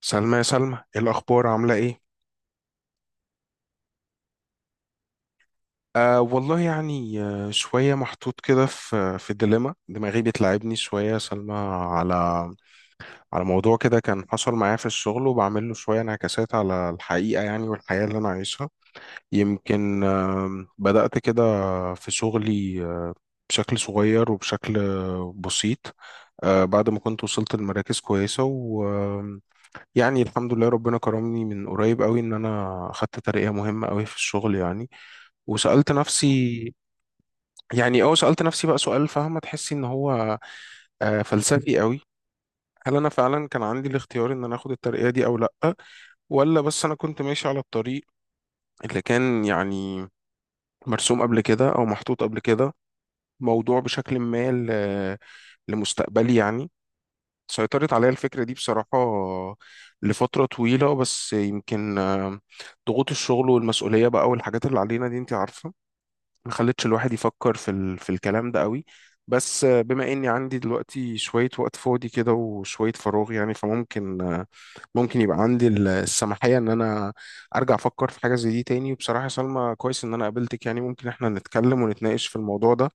سلمى، يا سلمى، إيه الأخبار، عاملة إيه؟ والله يعني، شوية محطوط كده في ديليما، دماغي بتلعبني شوية يا سلمى على على موضوع كده كان حصل معايا في الشغل، وبعمل له شوية انعكاسات على الحقيقة يعني، والحياة اللي أنا عايشها. يمكن بدأت كده في شغلي بشكل صغير وبشكل بسيط، بعد ما كنت وصلت لمراكز كويسة. يعني الحمد لله، ربنا كرمني من قريب قوي ان انا خدت ترقية مهمة قوي في الشغل يعني، وسألت نفسي. يعني، اه سألت نفسي بقى سؤال، فاهمة؟ تحسي ان هو فلسفي قوي. هل انا فعلا كان عندي الاختيار ان انا اخد الترقية دي او لا، ولا بس انا كنت ماشي على الطريق اللي كان يعني مرسوم قبل كده او محطوط قبل كده، موضوع بشكل ما لمستقبلي يعني. سيطرت عليا الفكرة دي بصراحة لفترة طويلة، بس يمكن ضغوط الشغل والمسؤولية بقى والحاجات اللي علينا دي انت عارفة، ما خلتش الواحد يفكر في في الكلام ده قوي. بس بما اني عندي دلوقتي شوية وقت فاضي كده وشوية فراغ يعني، فممكن ممكن يبقى عندي السماحية ان انا ارجع افكر في حاجة زي دي تاني. وبصراحة يا سلمى، كويس ان انا قابلتك، يعني ممكن احنا نتكلم ونتناقش في الموضوع ده،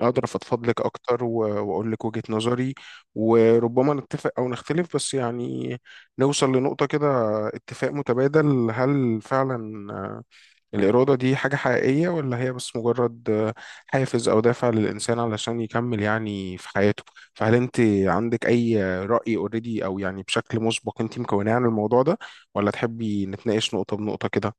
اقدر افضفض لك اكتر واقول لك وجهة نظري، وربما نتفق او نختلف، بس يعني نوصل لنقطة كده، اتفاق متبادل. هل فعلا الإرادة دي حاجة حقيقية، ولا هي بس مجرد حافز أو دافع للإنسان علشان يكمل يعني في حياته؟ فهل أنت عندك أي رأي اوريدي، أو يعني بشكل مسبق أنت مكوناه عن الموضوع ده، ولا تحبي نتناقش نقطة بنقطة كده؟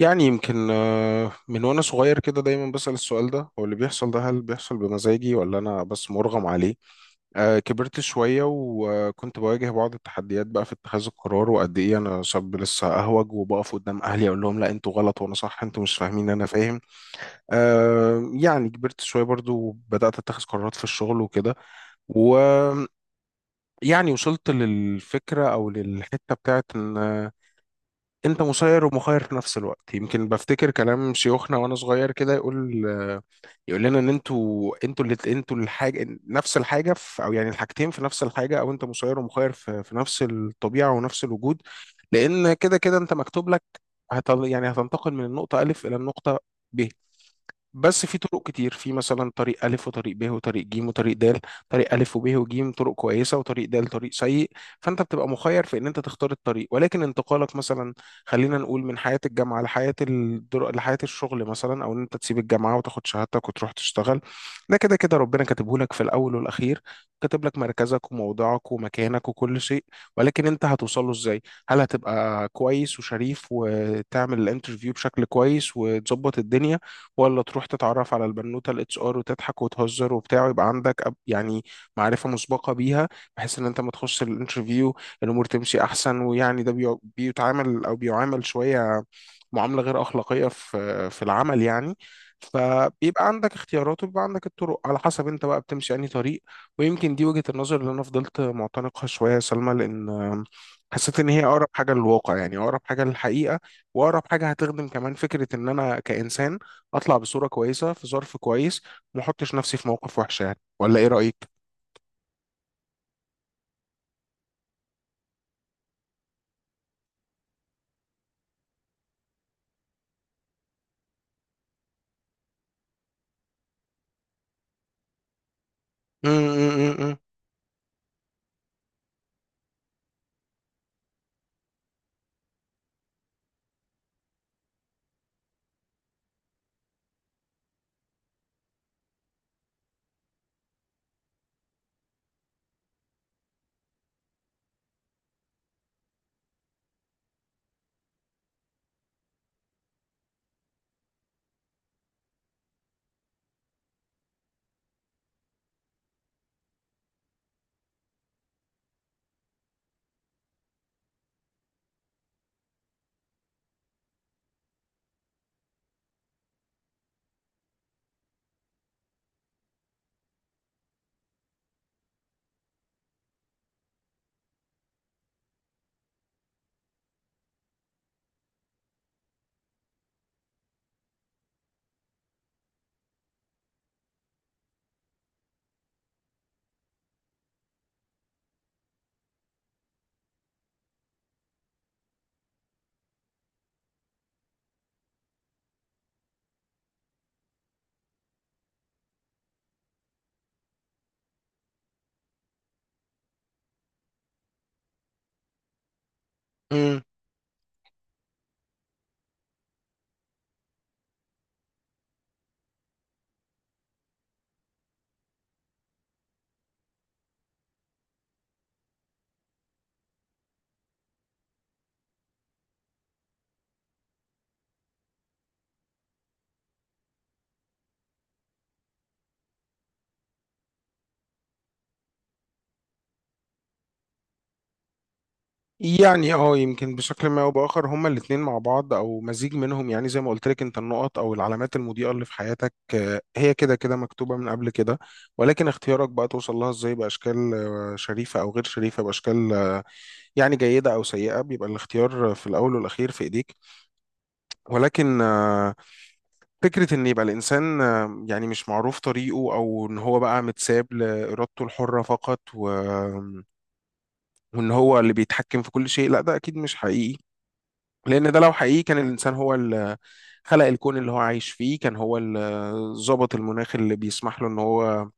يعني يمكن من وأنا صغير كده دايما بسأل السؤال ده، هو اللي بيحصل ده هل بيحصل بمزاجي ولا أنا بس مرغم عليه؟ كبرت شوية وكنت بواجه بعض التحديات بقى في اتخاذ القرار، وقد إيه أنا شاب لسه أهوج، وبقف قدام أهلي أقول لهم لا أنتوا غلط وأنا صح، أنتوا مش فاهمين أنا فاهم. يعني كبرت شوية برضو وبدأت أتخذ قرارات في الشغل وكده، ويعني وصلت للفكرة أو للحتة بتاعت إن أنت مسير ومخير في نفس الوقت. يمكن بفتكر كلام شيوخنا وأنا صغير كده، يقول لنا ان انتوا اللي انتوا الحاجه نفس الحاجه في، او يعني الحاجتين في نفس الحاجه، او انت مسير ومخير في نفس الطبيعه ونفس الوجود. لأن كده كده أنت مكتوب لك، يعني هتنتقل من النقطة ألف إلى النقطة ب، بس في طرق كتير، في مثلا طريق ألف وطريق ب وطريق ج وطريق د. طريق ألف وب وج طرق كويسة، وطريق د طريق سيء. فأنت بتبقى مخير في إن أنت تختار الطريق، ولكن انتقالك مثلا، خلينا نقول من حياة الجامعة لحياة الشغل مثلا، أو إن أنت تسيب الجامعة وتاخد شهادتك وتروح تشتغل، ده كده كده ربنا كاتبه لك في الأول والأخير. كاتب لك مركزك وموضعك ومكانك وكل شيء، ولكن أنت هتوصله إزاي؟ هل هتبقى كويس وشريف وتعمل الانترفيو بشكل كويس وتظبط الدنيا، ولا تروح تتعرف على البنوته الاتش ار وتضحك وتهزر وبتاع، ويبقى عندك يعني معرفه مسبقه بيها، بحيث ان انت ما تخش الانترفيو، الامور تمشي احسن. ويعني ده بيتعامل او بيعامل شويه معامله غير اخلاقيه في العمل يعني. فبيبقى عندك اختيارات وبيبقى عندك الطرق على حسب انت بقى بتمشي انهي طريق. ويمكن دي وجهة النظر اللي انا فضلت معتنقها شويه يا سلمى، لان حسيت ان هي اقرب حاجه للواقع، يعني اقرب حاجه للحقيقه، واقرب حاجه هتخدم كمان فكره ان انا كانسان اطلع بصوره كويسه في ظرف كويس، وما احطش نفسي في موقف وحش يعني. ولا ايه رايك؟ م- م- م- م- م. يعني اه يمكن بشكل ما او باخر هما الاثنين مع بعض او مزيج منهم، يعني زي ما قلت لك، انت النقط او العلامات المضيئه اللي في حياتك هي كده كده مكتوبه من قبل كده، ولكن اختيارك بقى توصل لها ازاي، باشكال شريفه او غير شريفه، باشكال يعني جيده او سيئه، بيبقى الاختيار في الاول والاخير في ايديك. ولكن فكرة إن يبقى الإنسان يعني مش معروف طريقه، أو إن هو بقى متساب لإرادته الحرة فقط وإن هو اللي بيتحكم في كل شيء، لا ده أكيد مش حقيقي. لأن ده لو حقيقي، كان الإنسان هو اللي خلق الكون اللي هو عايش فيه، كان هو اللي ظبط المناخ اللي بيسمح له إن هو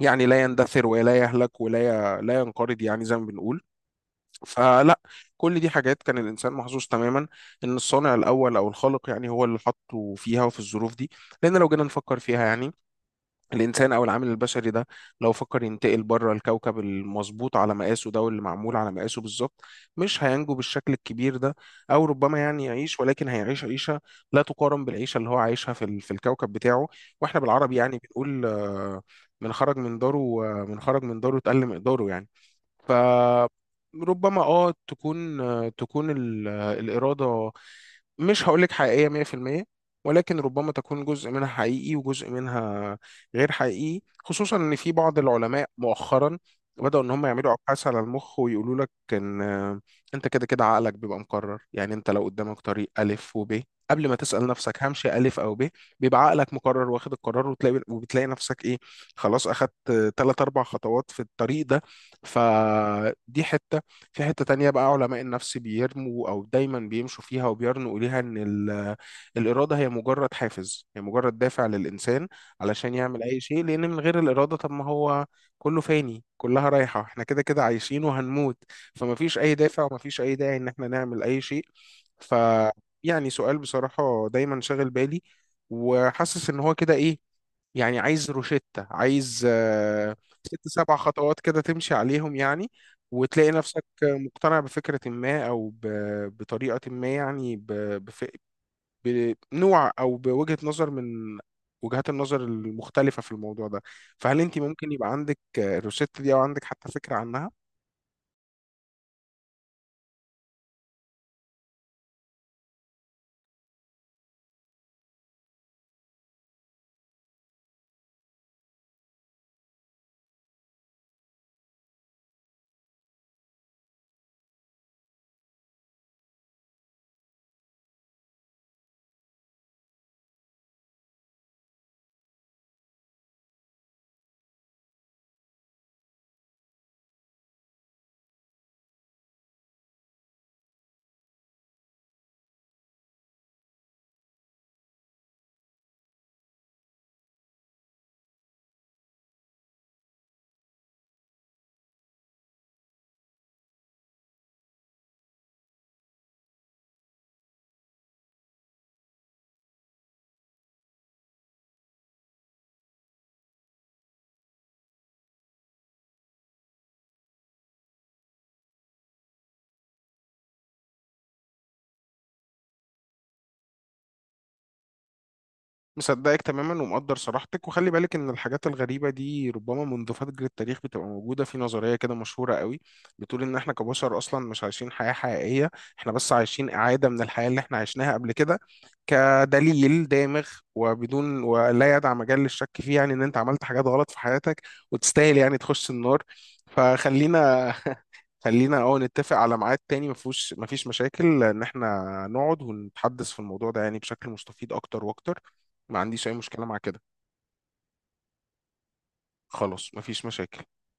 يعني لا يندثر ولا يهلك ولا لا ينقرض، يعني زي ما بنقول. فلا، كل دي حاجات كان الإنسان محظوظ تماما إن الصانع الأول أو الخالق يعني هو اللي حطه فيها وفي الظروف دي. لأن لو جينا نفكر فيها يعني، الإنسان أو العامل البشري ده، لو فكر ينتقل بره الكوكب المظبوط على مقاسه ده واللي معمول على مقاسه بالظبط، مش هينجو بالشكل الكبير ده، أو ربما يعني يعيش، ولكن هيعيش عيشة لا تقارن بالعيشة اللي هو عايشها في الكوكب بتاعه. وإحنا بالعربي يعني بنقول من خرج من داره، من خرج من داره اتقل مقداره يعني. ف ربما تكون الإرادة مش هقولك حقيقية 100%، ولكن ربما تكون جزء منها حقيقي وجزء منها غير حقيقي، خصوصا ان في بعض العلماء مؤخرا بدأوا ان هم يعملوا ابحاث على المخ، ويقولوا لك ان انت كده كده عقلك بيبقى مقرر. يعني انت لو قدامك طريق الف وب، قبل ما تسأل نفسك همشي الف او ب، بيبقى عقلك مقرر واخد القرار، وبتلاقي نفسك ايه، خلاص اخدت ثلاث اربع خطوات في الطريق ده. فدي حتة. في حتة تانية بقى، علماء النفس بيرموا أو دايما بيمشوا فيها وبيرنوا إليها، إن الإرادة هي مجرد حافز، هي مجرد دافع للإنسان علشان يعمل أي شيء، لأن من غير الإرادة طب ما هو كله فاني، كلها رايحة، احنا كده كده عايشين وهنموت، فما فيش أي دافع وما فيش أي داعي إن احنا نعمل أي شيء. ف يعني سؤال بصراحة دايما شاغل بالي، وحاسس إن هو كده إيه، يعني عايز روشتة، عايز ست سبع خطوات كده تمشي عليهم يعني، وتلاقي نفسك مقتنع بفكرة ما أو بطريقة ما، يعني بف- بنوع أو بوجهة نظر من وجهات النظر المختلفة في الموضوع ده. فهل أنت ممكن يبقى عندك الروشتة دي، أو عندك حتى فكرة عنها؟ مصدقك تماما ومقدر صراحتك، وخلي بالك ان الحاجات الغريبه دي ربما منذ فجر التاريخ بتبقى موجوده في نظريه كده مشهوره قوي، بتقول ان احنا كبشر اصلا مش عايشين حياه حقيقيه، احنا بس عايشين اعاده من الحياه اللي احنا عشناها قبل كده، كدليل دامغ وبدون ولا يدع مجال للشك فيه، يعني ان انت عملت حاجات غلط في حياتك وتستاهل يعني تخش النار. فخلينا خلينا اه نتفق على ميعاد تاني، مفيش مشاكل ان احنا نقعد ونتحدث في الموضوع ده، يعني بشكل مستفيض اكتر واكتر. ما عنديش اي مشكلة مع كده. خلاص مفيش مشاكل.